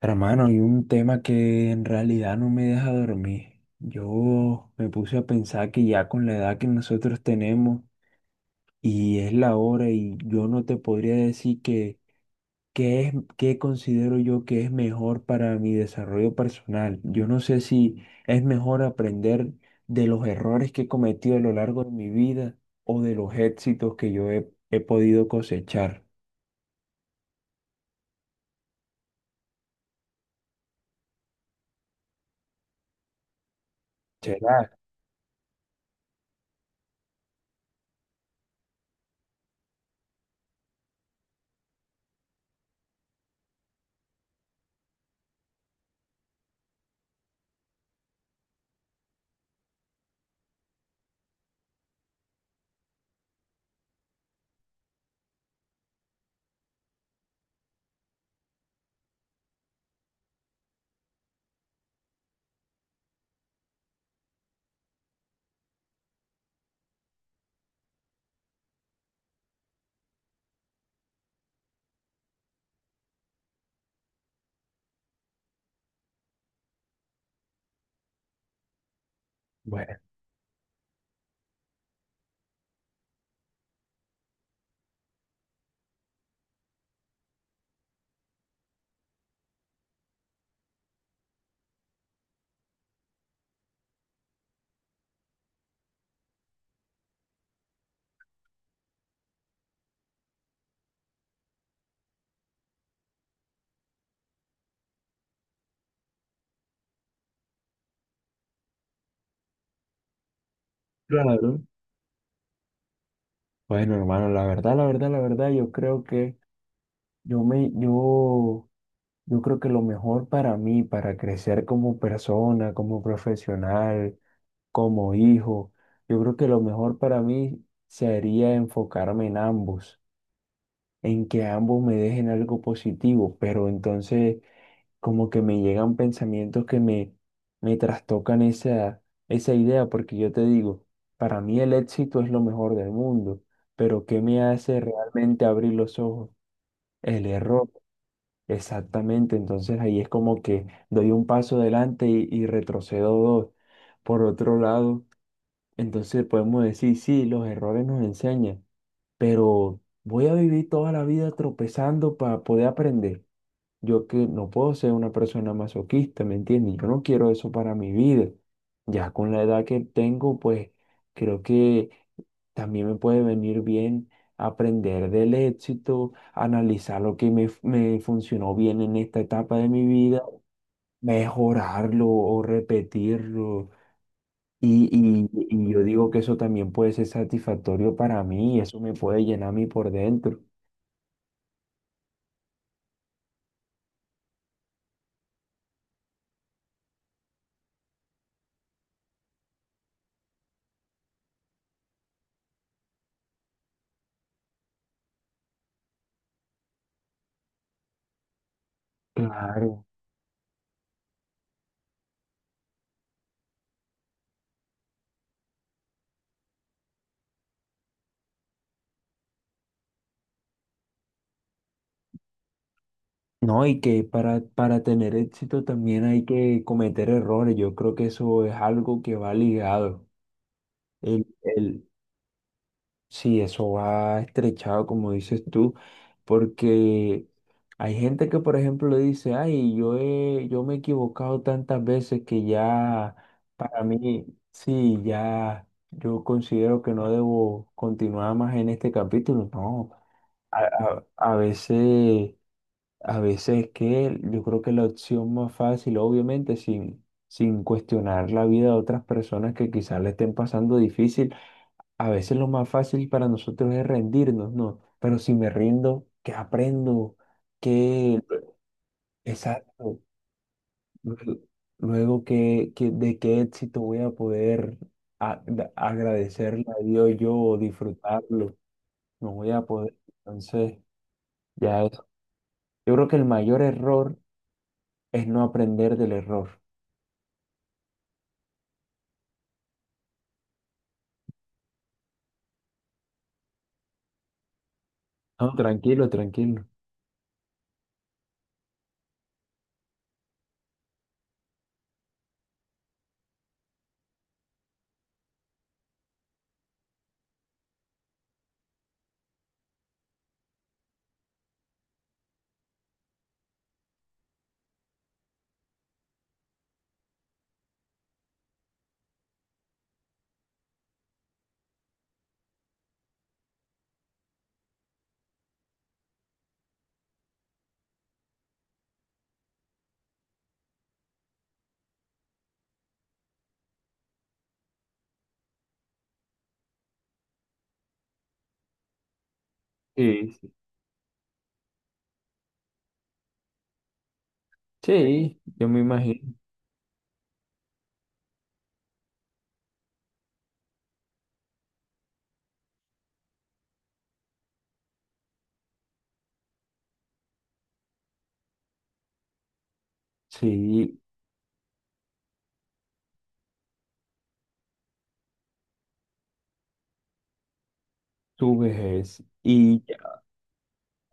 Hermano, hay un tema que en realidad no me deja dormir. Yo me puse a pensar que ya con la edad que nosotros tenemos y es la hora y yo no te podría decir que qué es qué considero yo que es mejor para mi desarrollo personal. Yo no sé si es mejor aprender de los errores que he cometido a lo largo de mi vida o de los éxitos que yo he podido cosechar. ¿Será? Bueno, claro. Bueno, hermano, la verdad, la verdad, la verdad, yo creo que Yo me, yo, yo creo que lo mejor para mí, para crecer como persona, como profesional, como hijo, yo creo que lo mejor para mí sería enfocarme en ambos, en que ambos me dejen algo positivo, pero entonces como que me llegan pensamientos me trastocan esa idea, porque yo te digo, para mí el éxito es lo mejor del mundo, pero ¿qué me hace realmente abrir los ojos? El error. Exactamente, entonces ahí es como que doy un paso adelante y retrocedo dos. Por otro lado, entonces podemos decir, sí, los errores nos enseñan, pero voy a vivir toda la vida tropezando para poder aprender. Yo que no puedo ser una persona masoquista, ¿me entiendes? Yo no quiero eso para mi vida. Ya con la edad que tengo, pues creo que también me puede venir bien aprender del éxito, analizar lo me funcionó bien en esta etapa de mi vida, mejorarlo o repetirlo. Y yo digo que eso también puede ser satisfactorio para mí, eso me puede llenar a mí por dentro. Claro. No, y que para tener éxito también hay que cometer errores. Yo creo que eso es algo que va ligado. El, el- Sí, eso va estrechado, como dices tú, porque hay gente que, por ejemplo, dice, ay, yo me he equivocado tantas veces que ya para mí, sí, ya yo considero que no debo continuar más en este capítulo. No, a, a- a veces, a veces que yo creo que la opción más fácil, obviamente, sin cuestionar la vida de otras personas que quizás le estén pasando difícil a veces lo más fácil para nosotros es rendirnos, ¿no? Pero si me rindo, ¿qué aprendo? ¿Qué, exacto, lu- luego qué, de qué éxito voy a poder agradecerle a Dios yo o disfrutarlo. No voy a poder. Entonces, ya es. Yo creo que el mayor error es no aprender del error. No, tranquilo, tranquilo. Sí, sí. Sí, yo me imagino. Sí, tu vejez. Y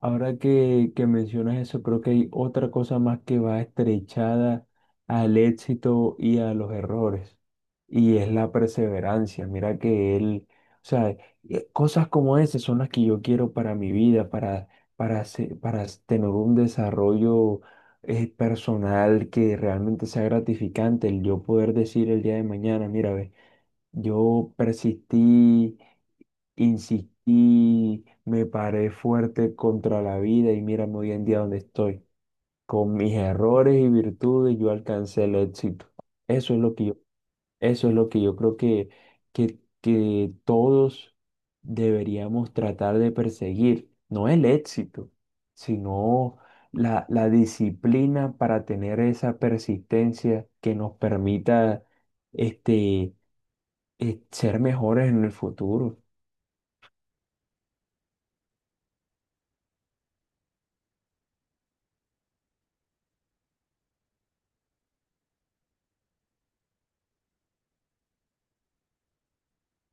ahora que mencionas eso, creo que hay otra cosa más que va estrechada al éxito y a los errores, y es la perseverancia. Mira que él, o sea, cosas como esas son las que yo quiero para mi vida, para tener un desarrollo personal que realmente sea gratificante, el yo poder decir el día de mañana, mira, ve, yo persistí. Insistí, me paré fuerte contra la vida y mírame hoy en día donde estoy. Con mis errores y virtudes yo alcancé el éxito. Eso es lo que yo, eso es lo que yo creo que, todos deberíamos tratar de perseguir. No el éxito, sino la disciplina para tener esa persistencia que nos permita este, ser mejores en el futuro.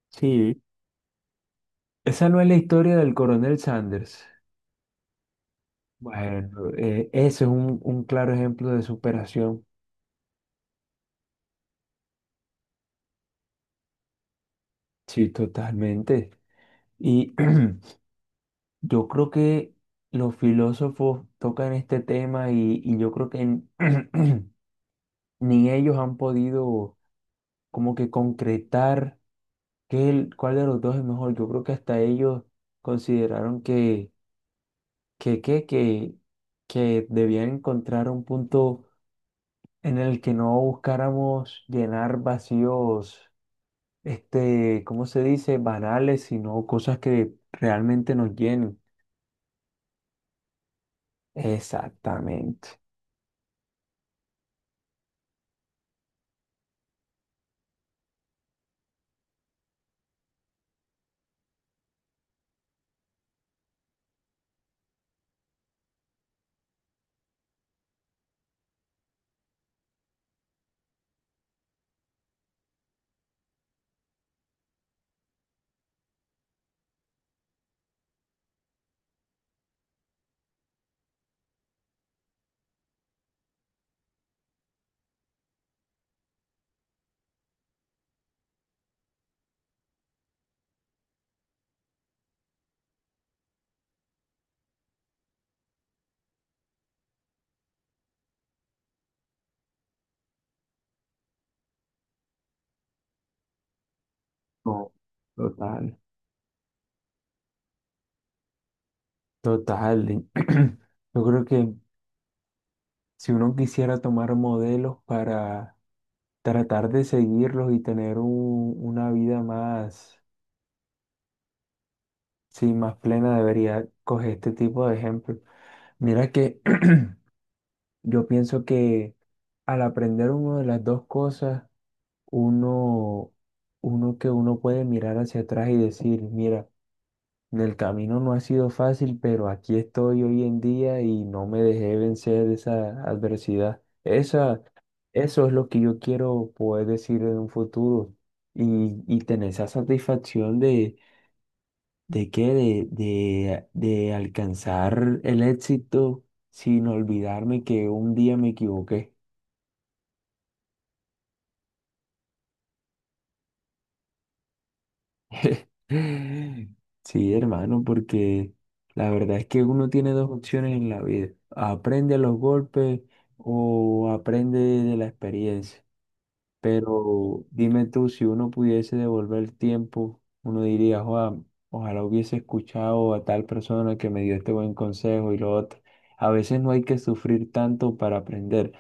Sí. Esa no es la historia del coronel Sanders. Bueno, ese es un claro ejemplo de superación. Sí, totalmente. Y yo creo que los filósofos tocan este tema y yo creo que ni ellos han podido como que concretar qué, cuál de los dos es mejor. Yo creo que hasta ellos consideraron que, que, que, que, que debían encontrar un punto en el que no buscáramos llenar vacíos, este, ¿cómo se dice? Banales, sino cosas que realmente nos llenen. Exactamente. No, total. Total. Y yo creo que si uno quisiera tomar modelos para tratar de seguirlos y tener una vida más, sí, más plena, debería coger este tipo de ejemplos. Mira que yo pienso que al aprender una de las dos cosas, uno, uno que uno puede mirar hacia atrás y decir, mira, en el camino no ha sido fácil, pero aquí estoy hoy en día y no me dejé vencer de esa adversidad. Eso es lo que yo quiero poder decir en un futuro y tener esa satisfacción de, de alcanzar el éxito sin olvidarme que un día me equivoqué. Sí, hermano, porque la verdad es que uno tiene dos opciones en la vida. Aprende a los golpes o aprende de la experiencia. Pero dime tú, si uno pudiese devolver el tiempo, uno diría, "Joa, ojalá hubiese escuchado a tal persona que me dio este buen consejo y lo otro". A veces no hay que sufrir tanto para aprender,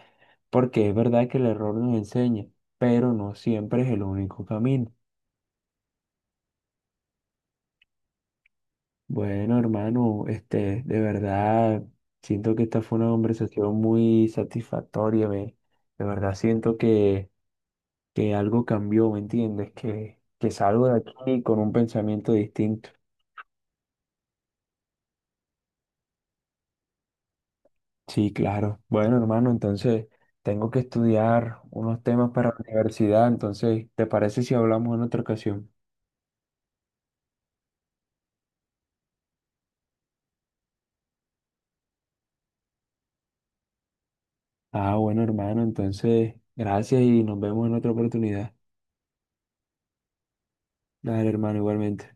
porque es verdad que el error nos enseña, pero no siempre es el único camino. Bueno, hermano, este, de verdad, siento que esta fue una conversación muy satisfactoria, me, de verdad siento que algo cambió, ¿me entiendes? Que salgo de aquí con un pensamiento distinto. Sí, claro. Bueno, hermano, entonces tengo que estudiar unos temas para la universidad, entonces, ¿te parece si hablamos en otra ocasión? Ah, bueno, hermano, entonces, gracias y nos vemos en otra oportunidad. Dale, hermano, igualmente.